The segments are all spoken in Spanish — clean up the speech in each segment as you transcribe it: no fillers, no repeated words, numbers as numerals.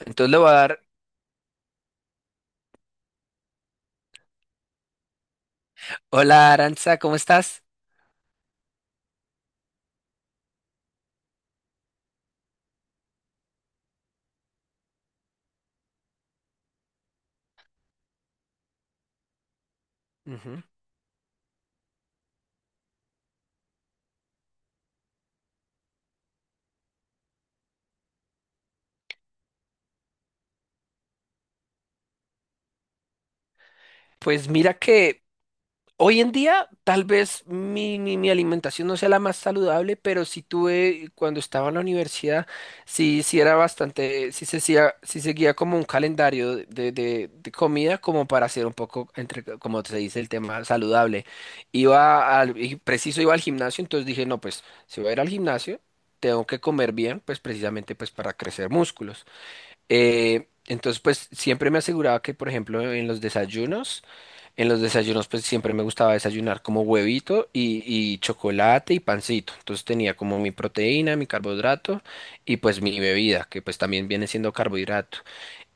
Entonces le voy a dar, hola Aranza, ¿cómo estás? Ujú. Pues mira que hoy en día tal vez mi alimentación no sea la más saludable, pero sí tuve, cuando estaba en la universidad, sí era bastante, sí, sí seguía como un calendario de comida como para hacer un poco, entre, como se dice, el tema saludable. Iba al, y Preciso iba al gimnasio, entonces dije, no, pues si voy a ir al gimnasio, tengo que comer bien, pues precisamente pues para crecer músculos. Entonces, pues siempre me aseguraba que, por ejemplo, en los desayunos, pues siempre me gustaba desayunar como huevito y chocolate y pancito. Entonces tenía como mi proteína, mi carbohidrato y pues mi bebida, que pues también viene siendo carbohidrato.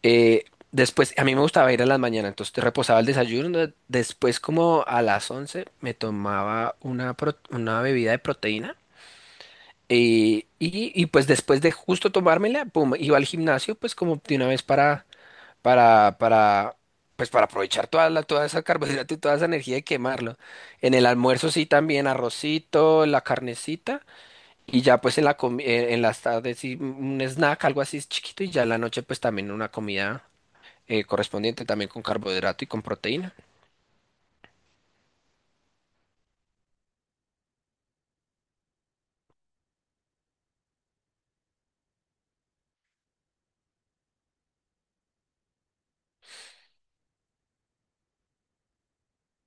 Eh, Después, a mí me gustaba ir a las mañanas, entonces te reposaba el desayuno. Después, como a las 11 me tomaba una bebida de proteína. Y pues después de justo tomármela, pum, iba al gimnasio, pues como de una vez para, para, pues para aprovechar toda esa carbohidrato y toda esa energía y quemarlo. En el almuerzo sí también arrocito, la carnecita y ya pues en las tardes sí un snack, algo así chiquito y ya en la noche pues también una comida correspondiente también con carbohidrato y con proteína.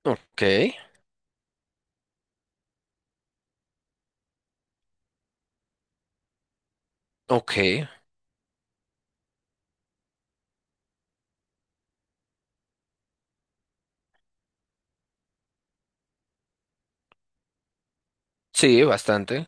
Ok, ok, sí, bastante.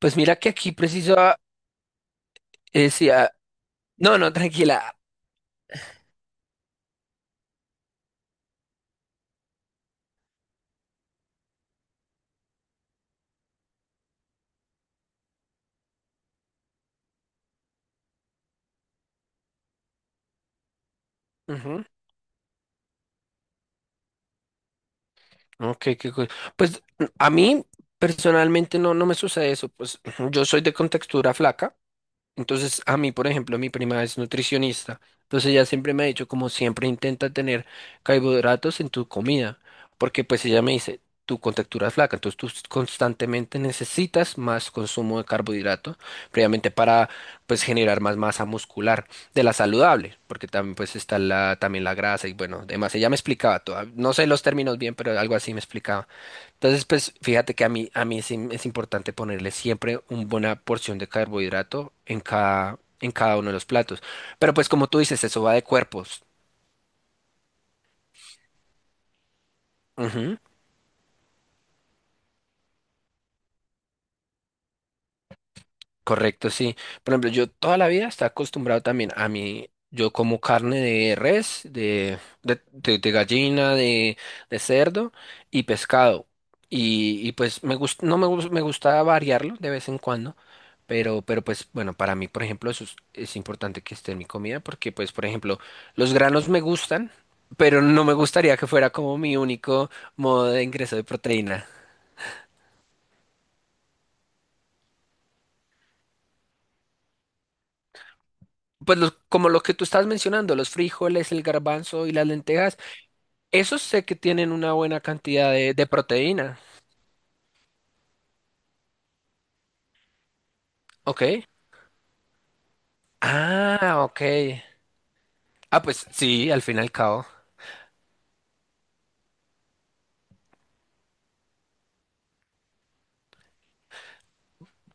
Pues mira que aquí preciso decía, no, no, tranquila. Ujú, ok, qué cool. Pues a mí personalmente no, no me sucede eso. Pues yo soy de contextura flaca. Entonces, a mí, por ejemplo, mi prima es nutricionista. Entonces, ella siempre me ha dicho, como siempre, intenta tener carbohidratos en tu comida. Porque, pues, ella me dice, tu contextura es flaca. Entonces, tú constantemente necesitas más consumo de carbohidratos, previamente para, pues, generar más masa muscular de la saludable. Porque también, pues, está la, también la grasa y, bueno, demás. Ella me explicaba todo. No sé los términos bien, pero algo así me explicaba. Entonces, pues fíjate que a mí es importante ponerle siempre una buena porción de carbohidrato en cada uno de los platos. Pero pues como tú dices, eso va de cuerpos. Correcto, sí. Por ejemplo, yo toda la vida estaba acostumbrado también a mí, yo como carne de res, de gallina, de cerdo y pescado. Y pues me gust- no me, gus- me gusta variarlo de vez en cuando, pero pues bueno, para mí, por ejemplo, es importante que esté en mi comida porque pues, por ejemplo, los granos me gustan, pero no me gustaría que fuera como mi único modo de ingreso de proteína. Como lo que tú estás mencionando, los frijoles, el garbanzo y las lentejas, esos sé que tienen una buena cantidad de proteína. Ok. Ah, ok. Ah, pues sí, al fin y al cabo.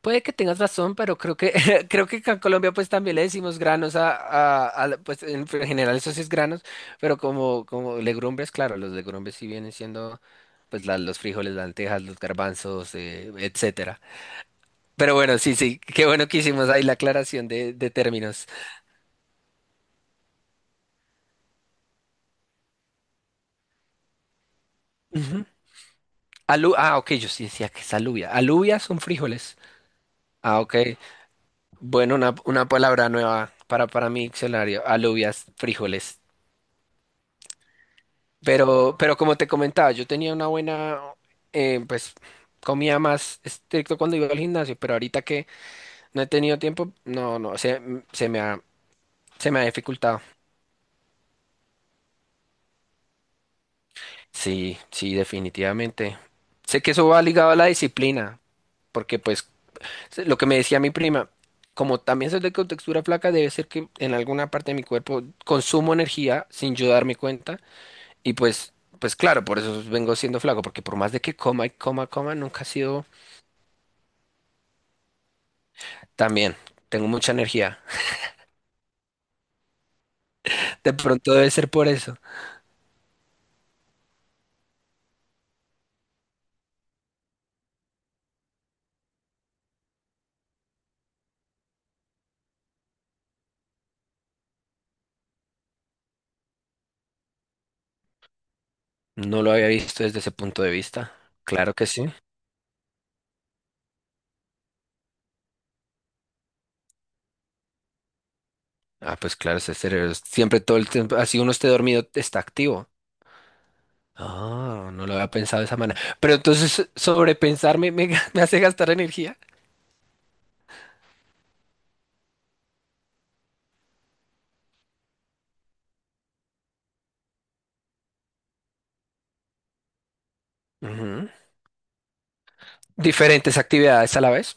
Puede que tengas razón, pero creo que creo que acá en Colombia pues también le decimos granos a, pues en general eso sí es granos, pero como como legumbres, claro, los legumbres sí vienen siendo los frijoles, las lentejas, los garbanzos, etcétera. Pero bueno, sí, sí, qué bueno que hicimos ahí la aclaración de términos. Ujú. Ah, ok, yo sí decía que es alubia. Alubias son frijoles. Ah, ok. Bueno, una palabra nueva para mi diccionario, alubias, frijoles. Pero como te comentaba, yo tenía una buena, eh, pues, comida más estricto cuando iba al gimnasio, pero ahorita que no he tenido tiempo, no, no, se me ha, se me ha dificultado. Sí, sí, definitivamente. Sé que eso va ligado a la disciplina, porque pues lo que me decía mi prima, como también soy de contextura flaca, debe ser que en alguna parte de mi cuerpo consumo energía sin yo darme cuenta. Y pues, pues claro, por eso vengo siendo flaco, porque por más de que coma y coma, nunca ha sido tan bien. Tengo mucha energía. De pronto debe ser por eso. No lo había visto desde ese punto de vista. Claro que sí. Ah, pues claro, siempre todo el tiempo, así uno esté dormido, está activo. Ah, no lo había pensado de esa manera. Pero entonces sobrepensarme me hace gastar energía. Ujú. Diferentes actividades a la vez.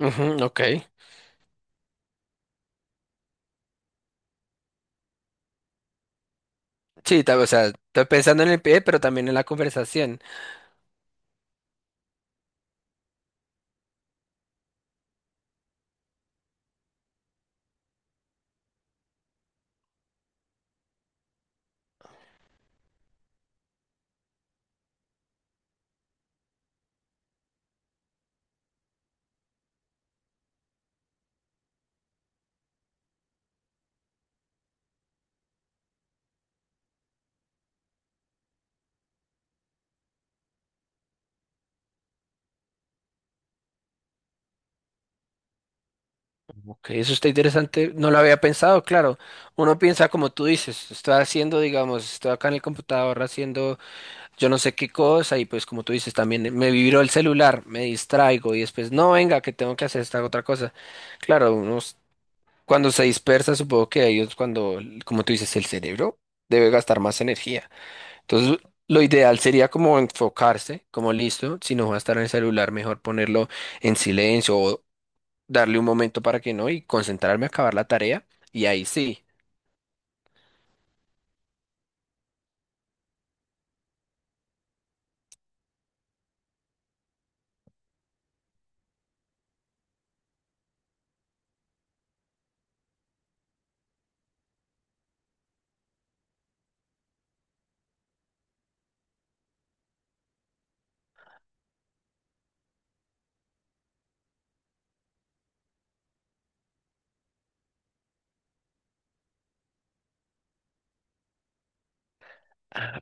Ujú, ok. Sí, o sea, estoy pensando en el pie, pero también en la conversación. Ok, eso está interesante, no lo había pensado, claro. Uno piensa como tú dices, estoy haciendo, digamos, estoy acá en el computador haciendo yo no sé qué cosa y pues como tú dices también me vibró el celular, me distraigo y después no, venga, que tengo que hacer esta otra cosa. Claro, uno cuando se dispersa, supongo que ahí es cuando, como tú dices, el cerebro debe gastar más energía. Entonces, lo ideal sería como enfocarse, como listo, si no va a estar en el celular, mejor ponerlo en silencio o darle un momento para que no y concentrarme a acabar la tarea. Y ahí sí.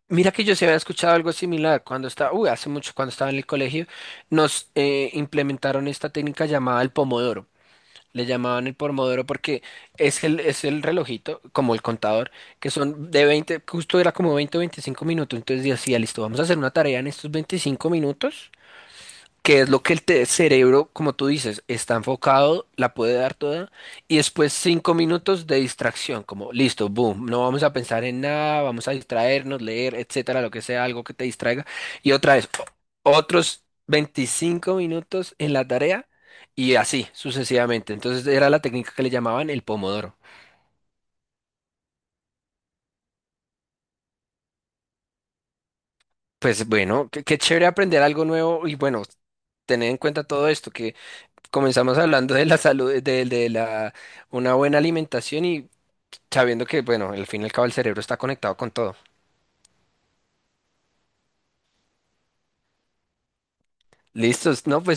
Mira que yo se había escuchado algo similar cuando estaba, uy, hace mucho, cuando estaba en el colegio, nos implementaron esta técnica llamada el pomodoro. Le llamaban el Pomodoro porque es el relojito, como el contador, que son de 20, justo era como 20 o 25 minutos. Entonces decía, listo, vamos a hacer una tarea en estos 25 minutos que es lo que cerebro, como tú dices, está enfocado, la puede dar toda, y después 5 minutos de distracción, como listo, boom, no vamos a pensar en nada, vamos a distraernos, leer, etcétera, lo que sea, algo que te distraiga, y otra vez, otros 25 minutos en la tarea, y así sucesivamente. Entonces era la técnica que le llamaban el pomodoro. Pues bueno, qué, qué chévere aprender algo nuevo y bueno, tener en cuenta todo esto, que comenzamos hablando de la salud, de la, una buena alimentación y sabiendo que, bueno, al fin y al cabo el cerebro está conectado con todo. Listos, no, pues